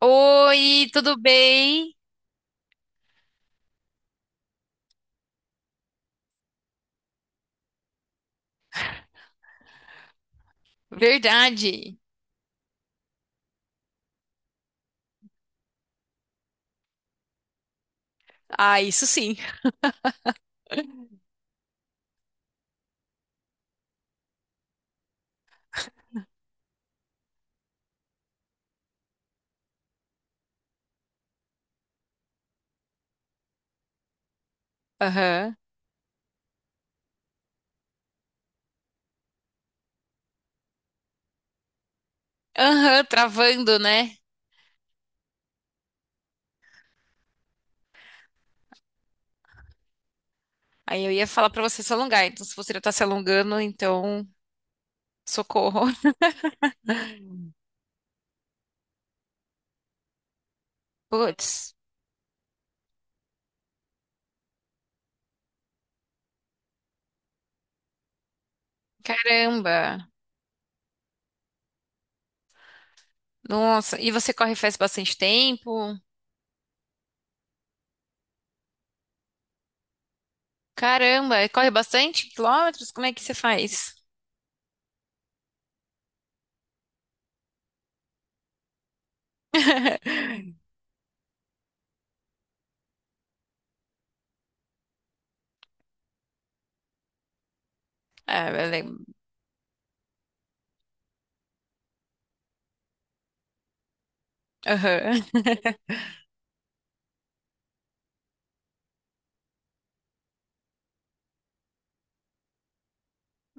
Oi, tudo bem? Verdade. Ah, isso sim. Aham. Aham, travando, né? Aí eu ia falar pra você se alongar. Então, se você já tá se alongando, então socorro. Putz, caramba. Nossa, e você corre faz bastante tempo? Caramba, corre bastante quilômetros? Como é que você faz? Ah, beleza. Lembro. Aham,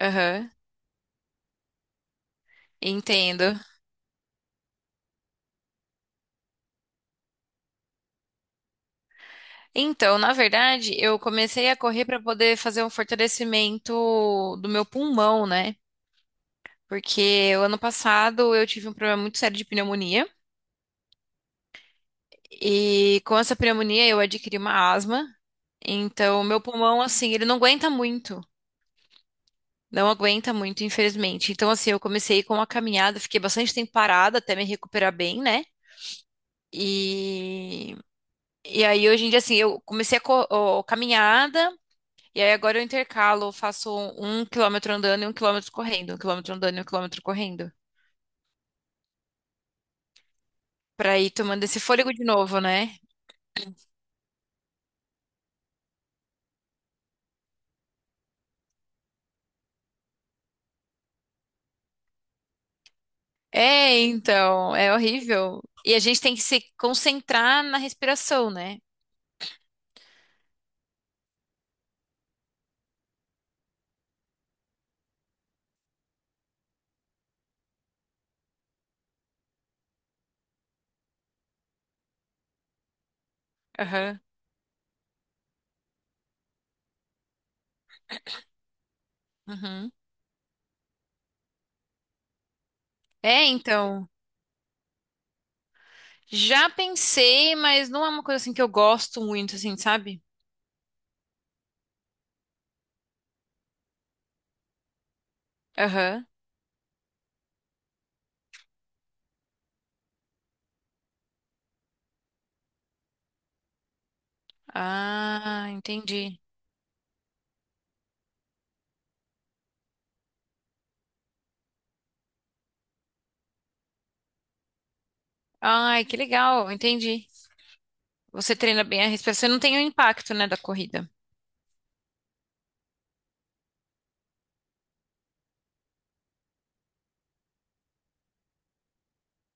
aham. Entendo. Então, na verdade, eu comecei a correr para poder fazer um fortalecimento do meu pulmão, né? Porque o ano passado eu tive um problema muito sério de pneumonia e com essa pneumonia eu adquiri uma asma. Então, o meu pulmão, assim, ele não aguenta muito. Não aguenta muito, infelizmente. Então, assim, eu comecei com uma caminhada, fiquei bastante tempo parada até me recuperar bem, né? E, e aí, hoje em dia, assim, eu comecei a ó, caminhada. E aí agora eu intercalo, eu faço um quilômetro andando e um quilômetro correndo, um quilômetro andando e um quilômetro correndo, pra ir tomando esse fôlego de novo, né? É, então, é horrível. E a gente tem que se concentrar na respiração, né? Aham. Uhum. É, então, já pensei, mas não é uma coisa assim que eu gosto muito, assim, sabe? Aham. Ah, entendi. Ai, que legal, entendi. Você treina bem a respiração e não tem o impacto, né, da corrida.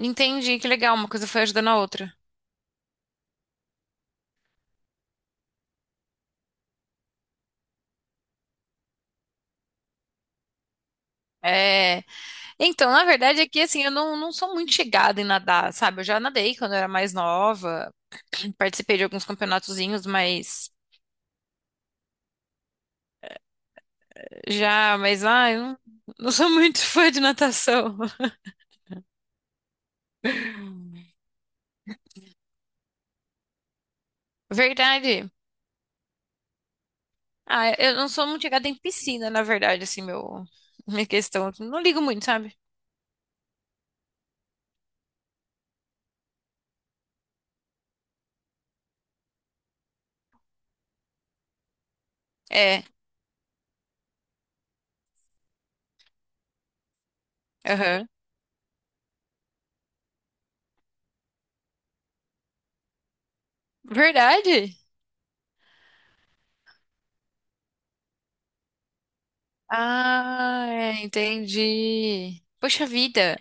Entendi, que legal, uma coisa foi ajudando a outra. É, então, na verdade, é que assim, eu não sou muito chegada em nadar, sabe? Eu já nadei quando eu era mais nova, participei de alguns campeonatozinhos, mas já, mas eu não sou muito fã de natação. Verdade. Ah, eu não sou muito chegada em piscina, na verdade, assim, minha questão, assim. Não ligo muito, sabe? É, aham. Verdade? Ah, é, entendi. Poxa vida.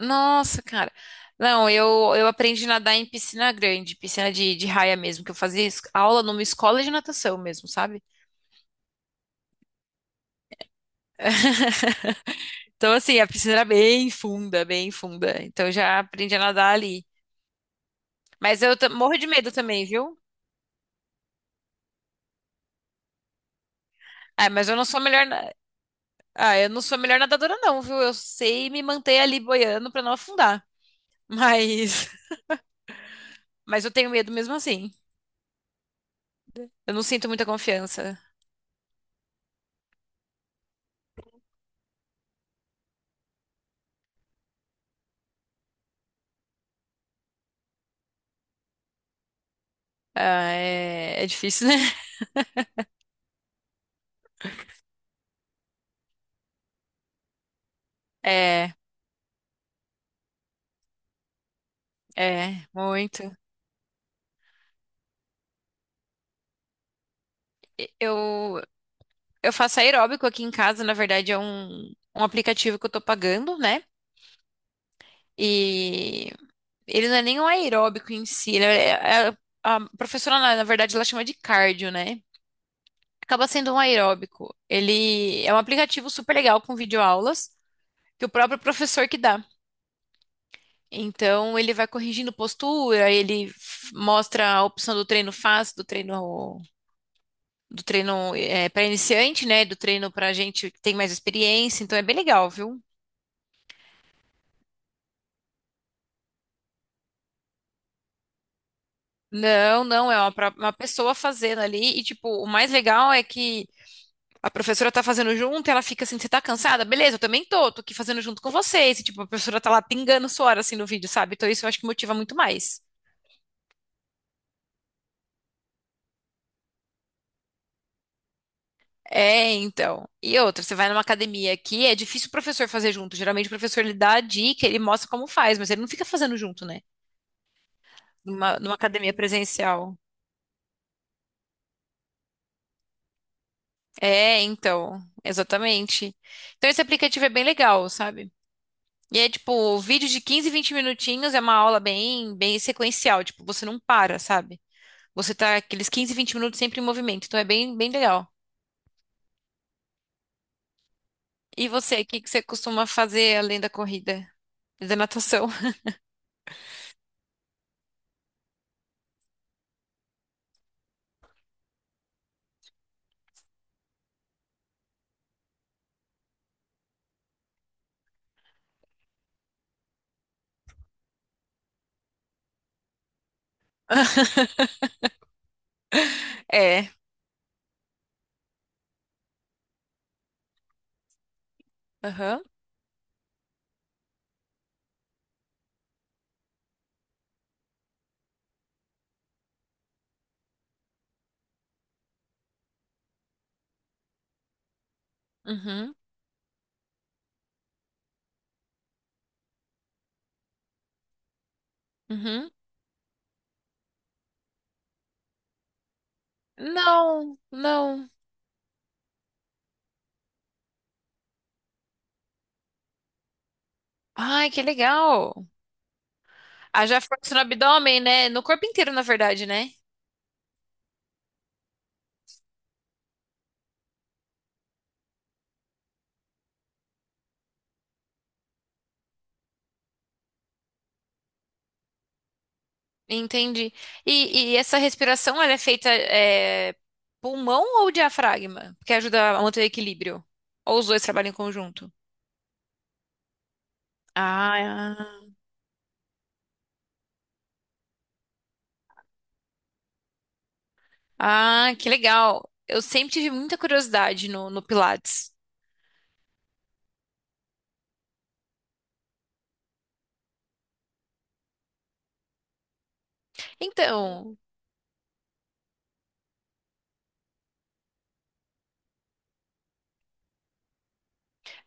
Nossa, cara. Não, eu aprendi a nadar em piscina grande, piscina de raia mesmo, que eu fazia aula numa escola de natação mesmo, sabe? Então, assim, a piscina era bem funda, bem funda. Então, eu já aprendi a nadar ali. Mas eu morro de medo também, viu? Ah, mas eu não sou a melhor. Ah, eu não sou a melhor nadadora, não, viu? Eu sei me manter ali boiando pra não afundar. Mas. Mas eu tenho medo mesmo assim. Eu não sinto muita confiança. Ah, é difícil, né? É, é, muito. Eu, eu faço aeróbico aqui em casa, na verdade é um aplicativo que eu tô pagando, né? E ele não é nem um aeróbico em si, ele é- é- é, a professora, na verdade, ela chama de cardio, né? Acaba sendo um aeróbico. Ele é um aplicativo super legal com videoaulas que o próprio professor que dá. Então ele vai corrigindo postura, ele mostra a opção do treino fácil, do treino do treino para iniciante, né? Do treino para gente que tem mais experiência. Então é bem legal, viu? Não, não, é uma pessoa fazendo ali, e tipo, o mais legal é que a professora tá fazendo junto, e ela fica assim, você tá cansada? Beleza, eu também tô aqui fazendo junto com vocês, e tipo, a professora tá lá pingando suor assim no vídeo, sabe? Então isso eu acho que motiva muito mais. É, então. E outra, você vai numa academia aqui, é difícil o professor fazer junto, geralmente o professor ele dá a dica, ele mostra como faz, mas ele não fica fazendo junto, né? Numa academia presencial. É, então, exatamente. Então esse aplicativo é bem legal, sabe? E é tipo, vídeo de 15, 20 minutinhos é uma aula bem, bem sequencial, tipo, você não para, sabe? Você tá aqueles 15, 20 minutos sempre em movimento, então é bem, bem legal. E você, o que que você costuma fazer além da corrida e da natação? É. Aham. Uhum. Uhum. Não, não. Ai, que legal. Haja força no abdômen, né? No corpo inteiro, na verdade, né? Entendi. E essa respiração, ela é feita pulmão ou diafragma? Porque ajuda a manter o equilíbrio. Ou os dois trabalham em conjunto? Ah, ah, que legal. Eu sempre tive muita curiosidade no Pilates. Então,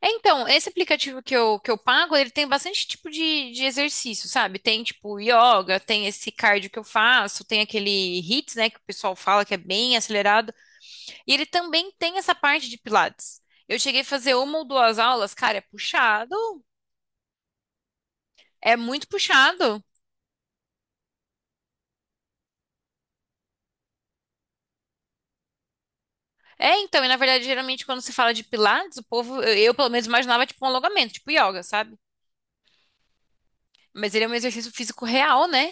então, esse aplicativo que eu pago, ele tem bastante tipo de exercício, sabe? Tem tipo yoga, tem esse cardio que eu faço, tem aquele HIIT, né, que o pessoal fala que é bem acelerado. E ele também tem essa parte de Pilates. Eu cheguei a fazer uma ou duas aulas, cara, é puxado. É muito puxado. É, então, e na verdade, geralmente quando se fala de Pilates, o povo, eu, pelo menos imaginava tipo um alongamento, tipo yoga, sabe? Mas ele é um exercício físico real, né?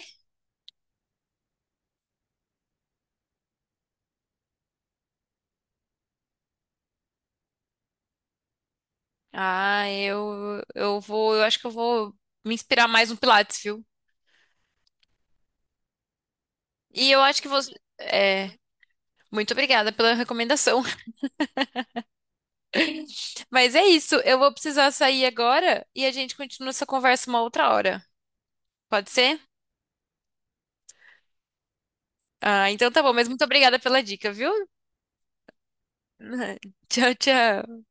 Ah, eu acho que eu vou me inspirar mais no Pilates, viu? E eu acho que você é, Muito obrigada pela recomendação. Mas é isso, eu vou precisar sair agora e a gente continua essa conversa uma outra hora. Pode ser? Ah, então tá bom, mas muito obrigada pela dica, viu? Tchau, tchau.